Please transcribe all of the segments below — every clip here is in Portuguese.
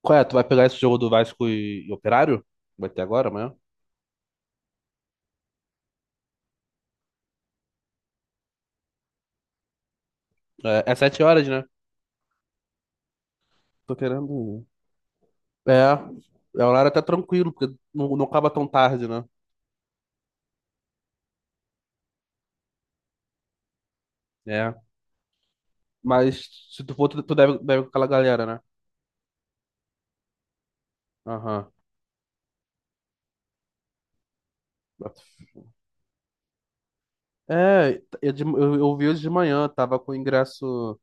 Qual é? Tu vai pegar esse jogo do Vasco e Operário? Vai ter agora, amanhã? É sete horas, né? Tô querendo. É, é um horário até tranquilo, porque não acaba tão tarde, né? É. Mas se tu for, tu deve com aquela galera, né? Aham. É, eu, eu vi hoje de manhã, tava com o ingresso.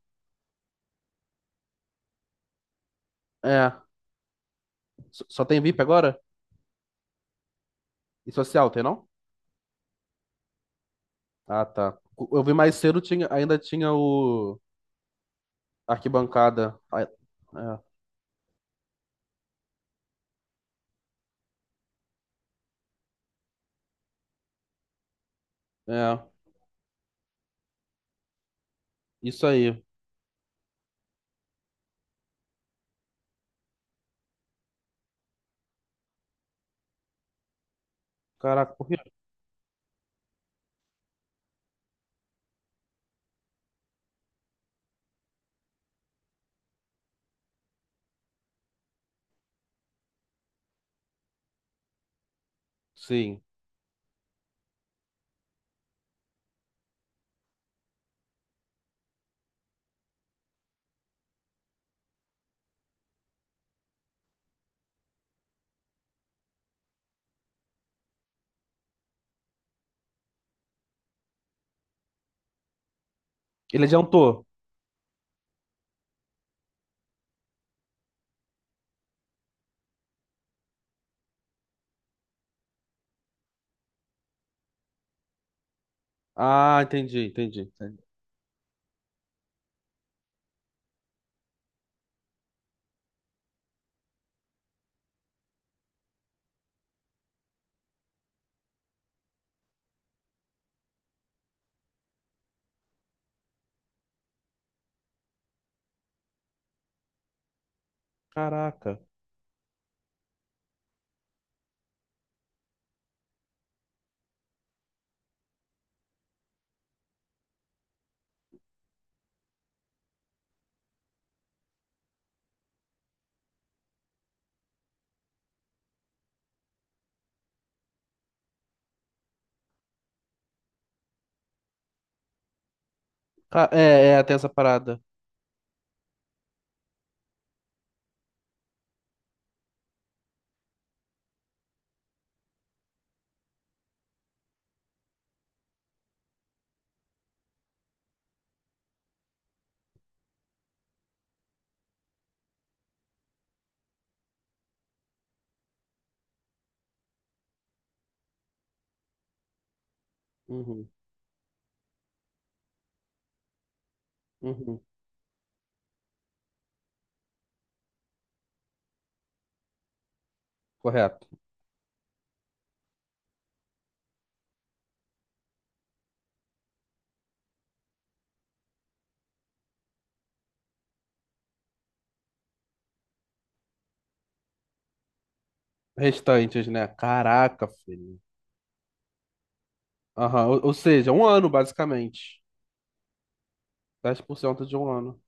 É, só tem VIP agora? E social, tem não? Ah, tá. Eu vi mais cedo, ainda tinha o arquibancada. Ah, é, é, isso aí. Caraca, por quê? Sim. Ele adiantou. Ah, entendi, entendi, entendi. Caraca. É, é, tem essa parada. Uhum, uhum. Correto. Restantes, né? Caraca, filho. Aham. Ou seja, um ano, basicamente. Dez por cento de um ano.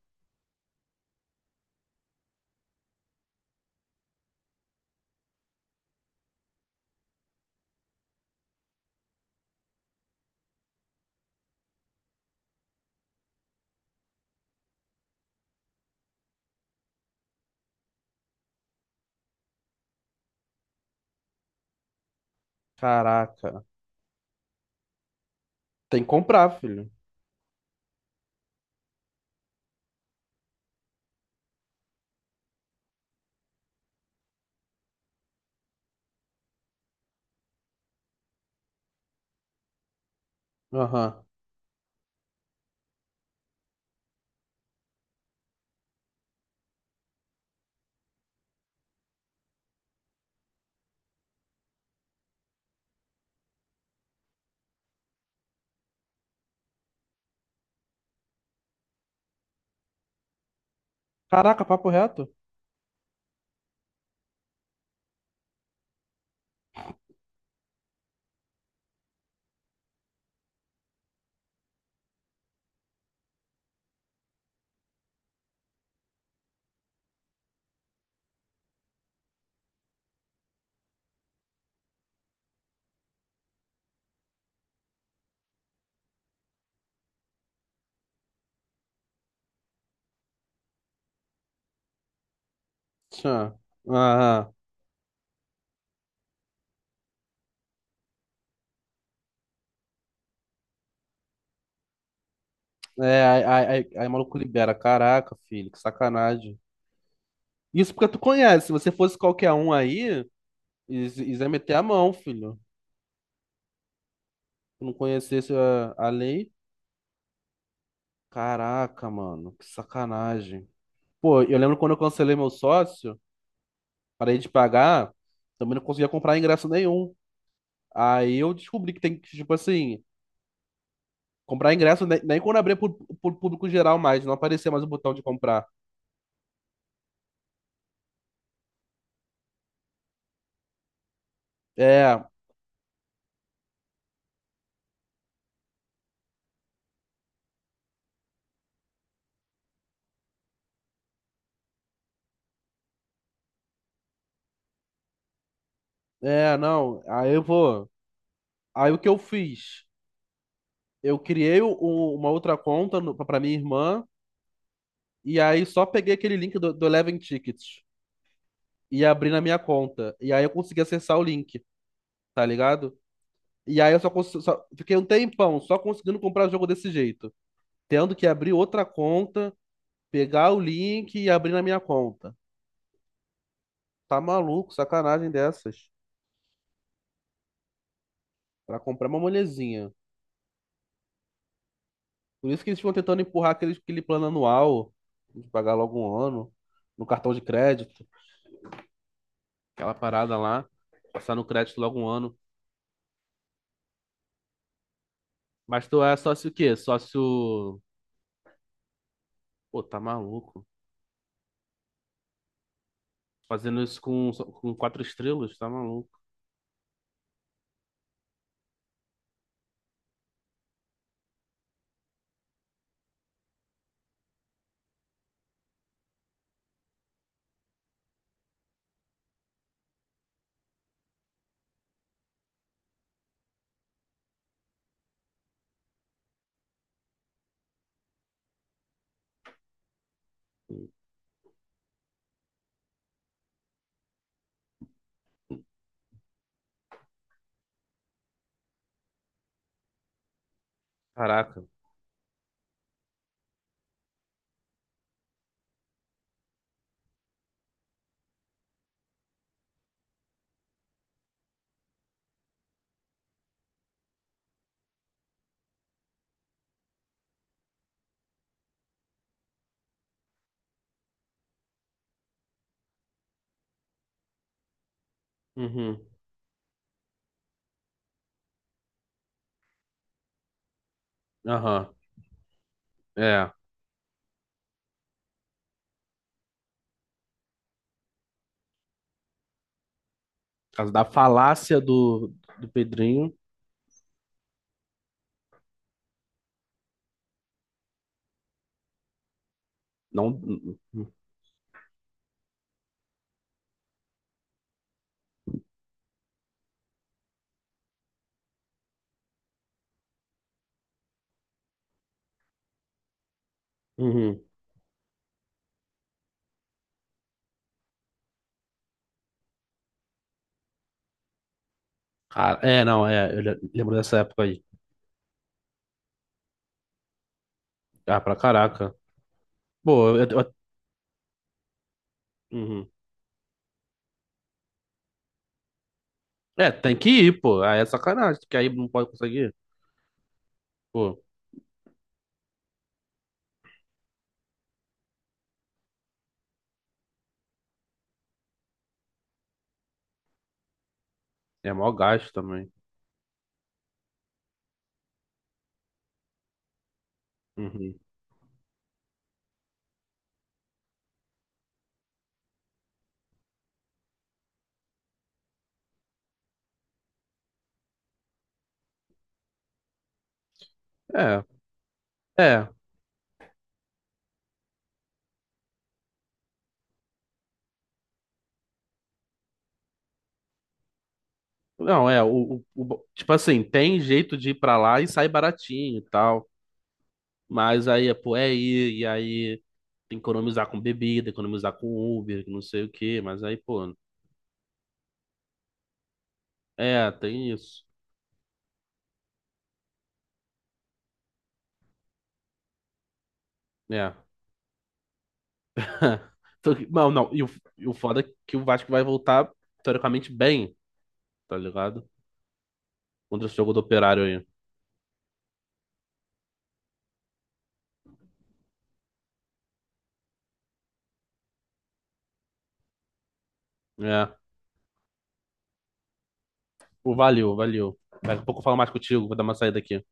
Caraca. Tem que comprar, filho. Aham. Caraca, papo reto? Tchan. Aham. É, aí o maluco libera. Caraca, filho, que sacanagem. Isso porque tu conhece. Se você fosse qualquer um aí, is- is ia meter a mão, filho. Se não conhecesse a lei, caraca, mano, que sacanagem. Pô, eu lembro quando eu cancelei meu sócio, parei de pagar, também não conseguia comprar ingresso nenhum. Aí eu descobri que tem que, tipo assim, comprar ingresso nem quando abrir pro público geral mais, não aparecia mais o botão de comprar. É, é, não. Aí eu vou. Aí o que eu fiz? Eu criei uma outra conta no, pra minha irmã, e aí só peguei aquele link do Eleven Tickets e abri na minha conta. E aí eu consegui acessar o link, tá ligado? E aí eu só, fiquei um tempão só conseguindo comprar o jogo desse jeito, tendo que abrir outra conta, pegar o link e abrir na minha conta. Tá maluco, sacanagem dessas, pra comprar uma molezinha. Por isso que eles ficam tentando empurrar aquele plano anual, de pagar logo um ano, no cartão de crédito, aquela parada lá, passar no crédito logo um ano. Mas tu é sócio o quê? Sócio. Pô, tá maluco. Fazendo isso com quatro estrelas, tá maluco. Caraca. Uhum. Aham. É, por causa da falácia do Pedrinho. Não. Uhum. Ah, é, não, é. Eu lembro dessa época aí. Ah, pra caraca. Pô, uhum. É, tem que ir, pô. Aí é sacanagem, que aí não pode conseguir. Pô, é mó gasto também. Uhum. É, é. Não, é. Tipo assim, tem jeito de ir pra lá e sai baratinho e tal. Mas aí, é, pô, é ir, e aí tem que economizar com bebida, economizar com Uber, não sei o quê. Mas aí, pô, é, tem isso. É. Então, não, não. E e o foda é que o Vasco vai voltar, teoricamente, bem, tá ligado? Contra esse jogo do Operário aí. É. Pô, valeu, valeu. Daqui a pouco eu falo mais contigo, vou dar uma saída aqui.